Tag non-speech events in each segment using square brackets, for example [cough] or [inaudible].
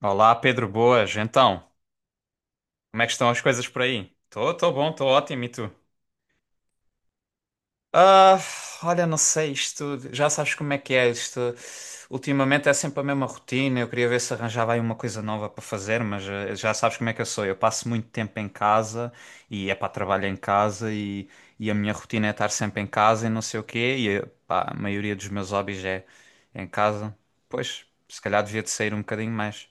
Olá, Pedro Boas. Então, como é que estão as coisas por aí? Tô bom, tô ótimo, e tu? Ah, olha, não sei, isto, já sabes como é que é isto. Ultimamente é sempre a mesma rotina. Eu queria ver se arranjava aí uma coisa nova para fazer, mas já sabes como é que eu sou. Eu passo muito tempo em casa e é para trabalho em casa e a minha rotina é estar sempre em casa e não sei o quê. E pá, a maioria dos meus hobbies é em casa. Pois, se calhar devia de sair um bocadinho mais.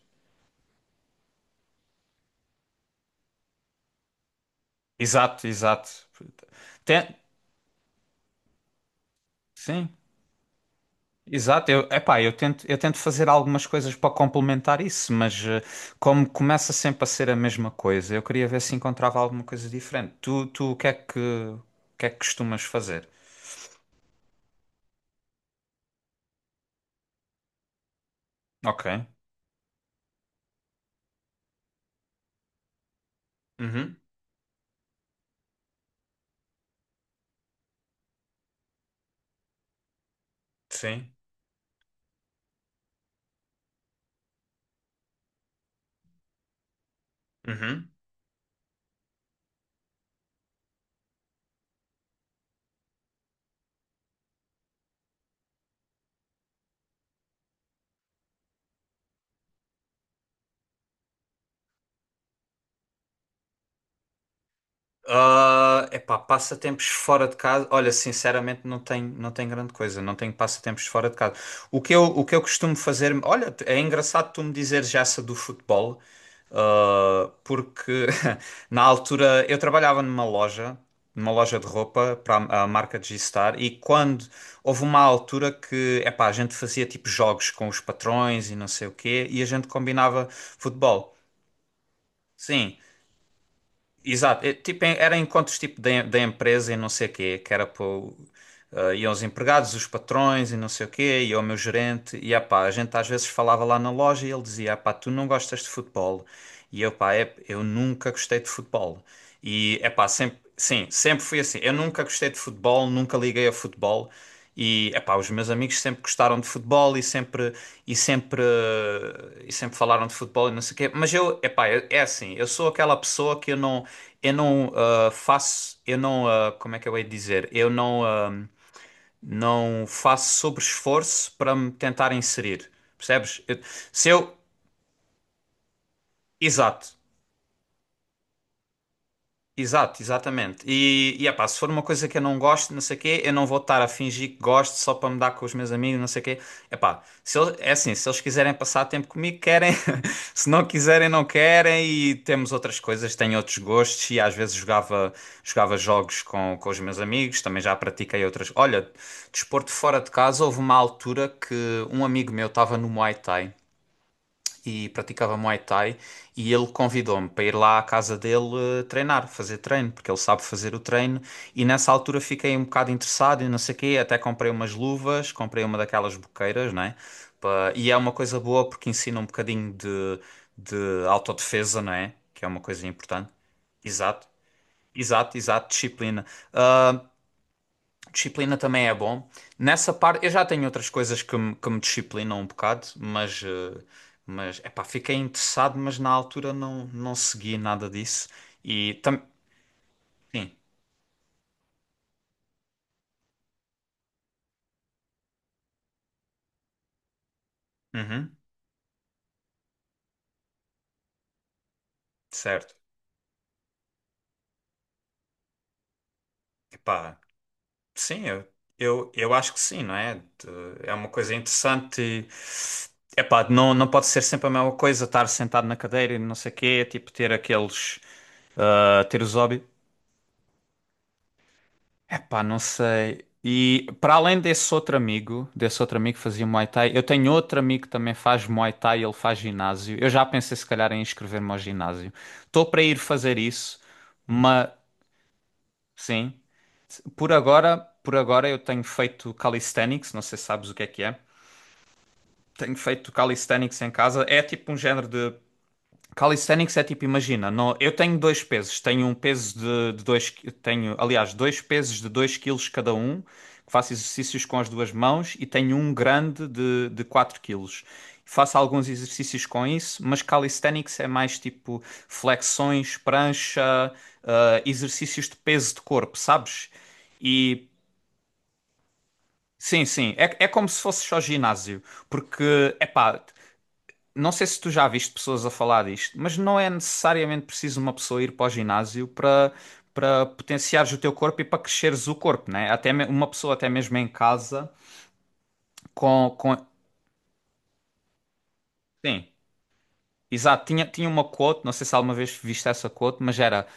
Exato, exato. Tem, sim. Exato, epá, eu tento fazer algumas coisas para complementar isso, mas como começa sempre a ser a mesma coisa, eu queria ver se encontrava alguma coisa diferente. O que é que, o que é que costumas fazer? Ok. Uhum. Sim. Uhum. Ah, epá, passatempos fora de casa. Olha, sinceramente não tenho, não tenho grande coisa, não tenho passatempos fora de casa. O que eu costumo fazer, olha, é engraçado tu me dizeres essa do futebol. Porque [laughs] na altura eu trabalhava numa loja de roupa para a marca G-Star, e quando houve uma altura que epá, a gente fazia tipo jogos com os patrões e não sei o quê, e a gente combinava futebol. Sim. Exato, é, tipo, era encontros tipo da empresa e não sei o quê, que era para iam os empregados, os patrões e não sei o quê, e o meu gerente, e ah pá, a gente às vezes falava lá na loja e ele dizia, ah pá, tu não gostas de futebol, e eu pá, é, eu nunca gostei de futebol, e é pá, sempre, sim, sempre fui assim, eu nunca gostei de futebol, nunca liguei a futebol, e, epá, os meus amigos sempre gostaram de futebol e sempre, e sempre falaram de futebol e não sei o quê. Mas é assim, eu sou aquela pessoa que eu não ah, faço, eu não, ah, como é que eu hei de dizer? Eu não, ah, não faço sobre esforço para me tentar inserir, percebes? Eu- se eu, exato, exato, exatamente. E epá, se for uma coisa que eu não gosto, não sei o quê, eu não vou estar a fingir que gosto só para me dar com os meus amigos, não sei o quê. Epá, se eles, é assim, se eles quiserem passar tempo comigo, querem. [laughs] Se não quiserem, não querem. E temos outras coisas, tenho outros gostos. E às vezes jogava jogos com os meus amigos, também já pratiquei outras. Olha, desporto fora de casa, houve uma altura que um amigo meu estava no Muay Thai e praticava Muay Thai e ele convidou-me para ir lá à casa dele treinar, fazer treino, porque ele sabe fazer o treino e nessa altura fiquei um bocado interessado e não sei o quê, até comprei umas luvas, comprei uma daquelas boqueiras, não é? E é uma coisa boa porque ensina um bocadinho de autodefesa, não é? Que é uma coisa importante. Exato, exato, exato, disciplina. Ah, disciplina também é bom. Nessa parte, eu já tenho outras coisas que que me disciplinam um bocado, mas, mas epá, fiquei interessado, mas na altura não, não segui nada disso. E também. Sim, uhum, certo. Epá, sim, eu acho que sim, não é? De- É uma coisa interessante. E, epá, não, não pode ser sempre a mesma coisa, estar sentado na cadeira e não sei o quê, tipo ter aqueles. Ah, ter os hobbies. Epá, não sei. E para além desse outro amigo que fazia Muay Thai, eu tenho outro amigo que também faz Muay Thai, ele faz ginásio. Eu já pensei se calhar em inscrever-me ao ginásio. Estou para ir fazer isso, mas sim. Por agora, por agora eu tenho feito calisthenics, não sei se sabes o que é que é. Tenho feito calisthenics em casa. É tipo um género de calisthenics é tipo, imagina, eu tenho dois pesos, tenho um peso de dois, tenho, aliás, dois pesos de 2 quilos cada um, que faço exercícios com as duas mãos e tenho um grande de 4 quilos. Faço alguns exercícios com isso, mas calisthenics é mais tipo flexões, prancha, ah, exercícios de peso de corpo, sabes? E sim, sim, é, é como se fosse só ginásio, porque, epá. Não sei se tu já viste pessoas a falar disto, mas não é necessariamente preciso uma pessoa ir para o ginásio para, para potenciares o teu corpo e para cresceres o corpo, né? Uma pessoa até mesmo em casa com... Sim, exato. Tinha, tinha uma quote, não sei se alguma vez viste essa quote, mas era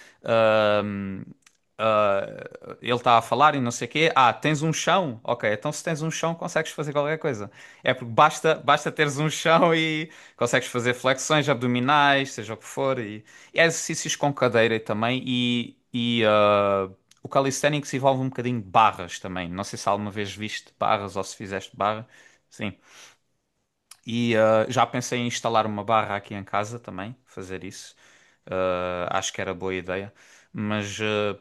ele tá a falar e não sei o quê. Ah, tens um chão? Ok, então se tens um chão, consegues fazer qualquer coisa. É porque basta, basta teres um chão e consegues fazer flexões abdominais, seja o que for. E há exercícios com cadeira também. E, o calisthenics envolve um bocadinho de barras também. Não sei se alguma vez viste barras ou se fizeste barra. Sim. E ah, já pensei em instalar uma barra aqui em casa também, fazer isso. Ah, acho que era boa ideia. Mas. Ah,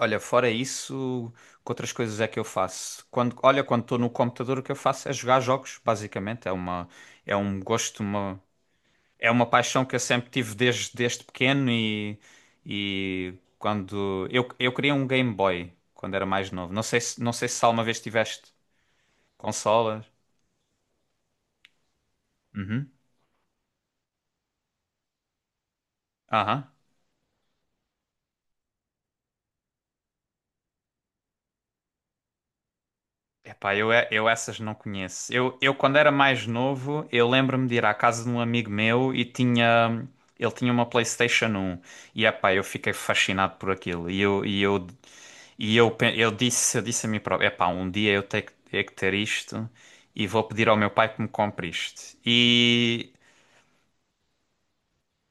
olha, fora isso, que outras coisas é que eu faço? Quando, olha, quando estou no computador, o que eu faço é jogar jogos, basicamente. É um gosto, é uma paixão que eu sempre tive desde, desde pequeno e, eu queria um Game Boy quando era mais novo. Não sei se alguma vez tiveste consolas. Uhum. Aham. Epá, eu, é, eu essas não conheço. Eu quando era mais novo, eu lembro-me de ir à casa de um amigo meu e tinha, ele tinha uma PlayStation 1. E epá, eu fiquei fascinado por aquilo. E eu, e eu, e eu, pe- eu disse a mim próprio, epá, um dia eu tenho que ter isto e vou pedir ao meu pai que me compre isto. E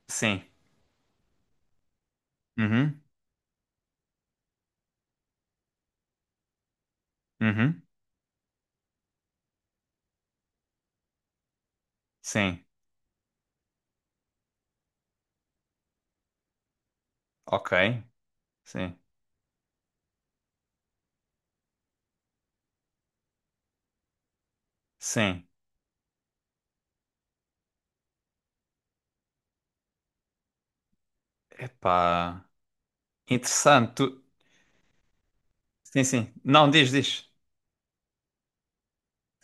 sim. Uhum. Uhum. Sim. Ok. Sim. Sim. Epá, interessante. Tu... Sim, sim. Não, diz, diz.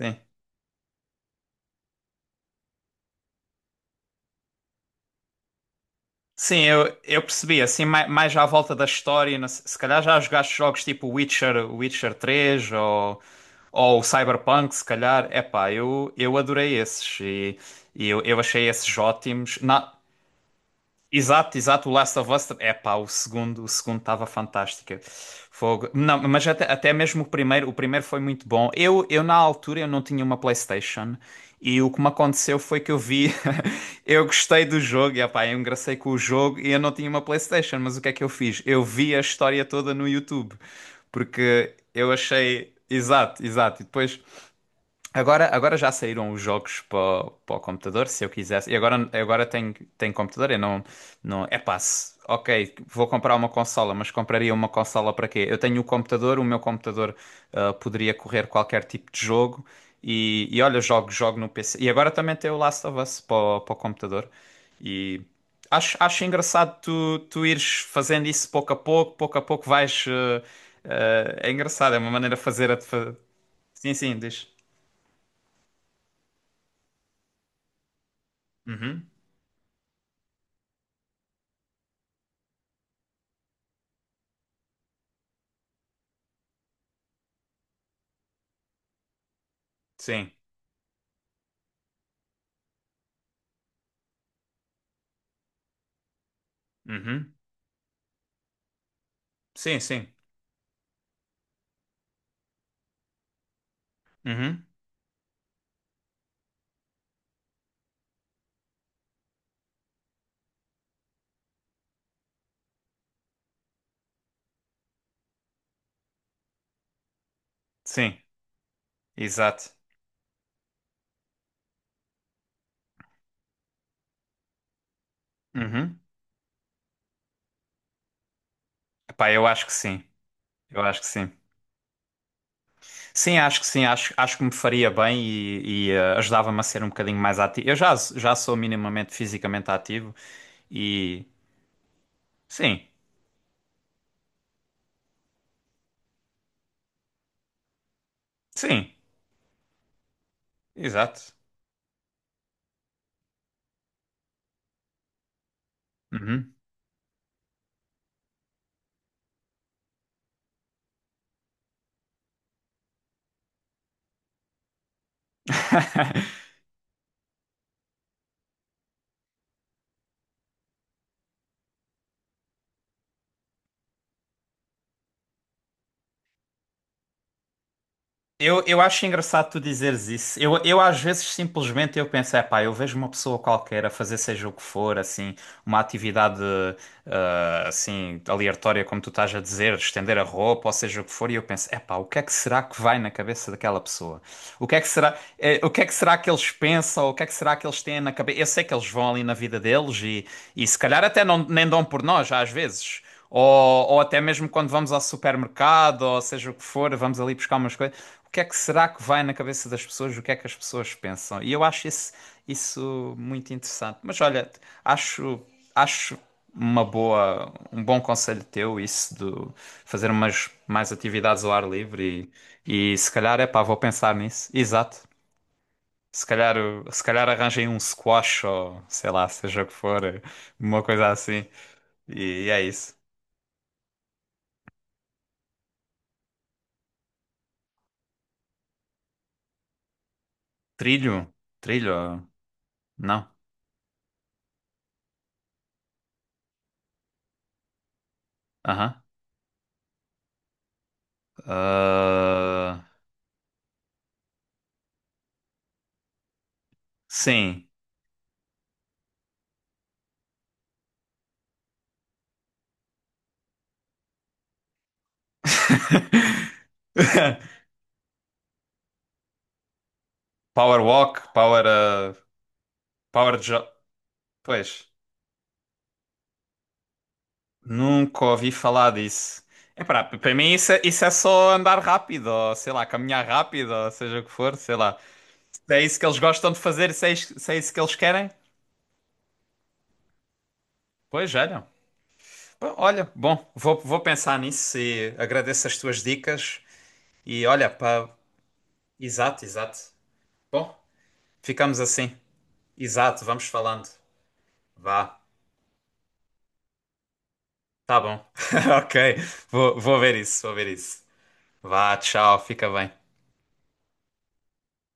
Sim. Sim, eu percebi, assim, mais, já à volta da história, não se se calhar já jogaste jogos tipo Witcher, Witcher 3 ou Cyberpunk, se calhar, epá, eu adorei esses e, eu achei esses ótimos. Na, exato, exato, o Last of Us, é pá, o segundo estava fantástico. Fogo. Não, mas até, até mesmo o primeiro foi muito bom. Eu na altura eu não tinha uma PlayStation e o que me aconteceu foi que eu vi, [laughs] eu gostei do jogo, e epá, eu engracei com o jogo e eu não tinha uma PlayStation, mas o que é que eu fiz? Eu vi a história toda no YouTube, porque eu achei, exato, exato, e depois agora, agora já saíram os jogos para para o computador, se eu quisesse. E agora, agora tenho, tenho computador, eu não, não... É passe. Ok, vou comprar uma consola, mas compraria uma consola para quê? Eu tenho o computador, o meu computador ah, poderia correr qualquer tipo de jogo. E olha, jogo, jogo no PC. E agora também tem o Last of Us para o para o computador. E acho, acho engraçado tu ires fazendo isso pouco a pouco vais... é engraçado, é uma maneira de fazer... Sim, sim, diz. Uhum. Sim. Uhum. Sim, sim. Uhum. Sim. Exato. Uhum. Epá, eu acho que sim. Eu acho que sim. Sim, acho que sim. Acho, acho que me faria bem e, ajudava-me a ser um bocadinho mais ativo. Eu já, já sou minimamente fisicamente ativo e. Sim. Sim. Exato. Uhum. Eu acho engraçado tu dizeres isso. Eu às vezes simplesmente eu penso, é pá, eu vejo uma pessoa qualquer a fazer seja o que for, assim, uma atividade ah, assim, aleatória, como tu estás a dizer, estender a roupa, ou seja o que for, e eu penso, epá, o que é que será que vai na cabeça daquela pessoa? O que é que será, o que é que será que eles pensam? O que é que será que eles têm na cabeça? Eu sei que eles vão ali na vida deles e se calhar até não, nem dão por nós, às vezes. Ou até mesmo quando vamos ao supermercado, ou seja o que for, vamos ali buscar umas coisas. O que é que será que vai na cabeça das pessoas? O que é que as pessoas pensam? E eu acho isso muito interessante. Mas olha, acho, acho uma boa, um bom conselho teu, isso de fazer umas mais atividades ao ar livre e se calhar, é pá, vou pensar nisso. Exato. Se calhar, se calhar arranjem um squash ou sei lá, seja o que for, uma coisa assim. E é isso. Trilho? Trilho? Não. Aham. Ah, sim. [laughs] Power walk, power jog. Pois. Nunca ouvi falar disso. Epá, para mim isso é só andar rápido, ou sei lá, caminhar rápido, ou seja o que for, sei lá. Se é isso que eles gostam de fazer, se é isso, se é isso que eles querem, pois olha. Pá, olha, bom, vou, vou pensar nisso e agradeço as tuas dicas. E olha, pá, exato, exato. Bom, ficamos assim. Exato, vamos falando. Vá, tá bom. [laughs] Ok, vou, vou ver isso, vou ver isso. Vá, tchau, fica bem.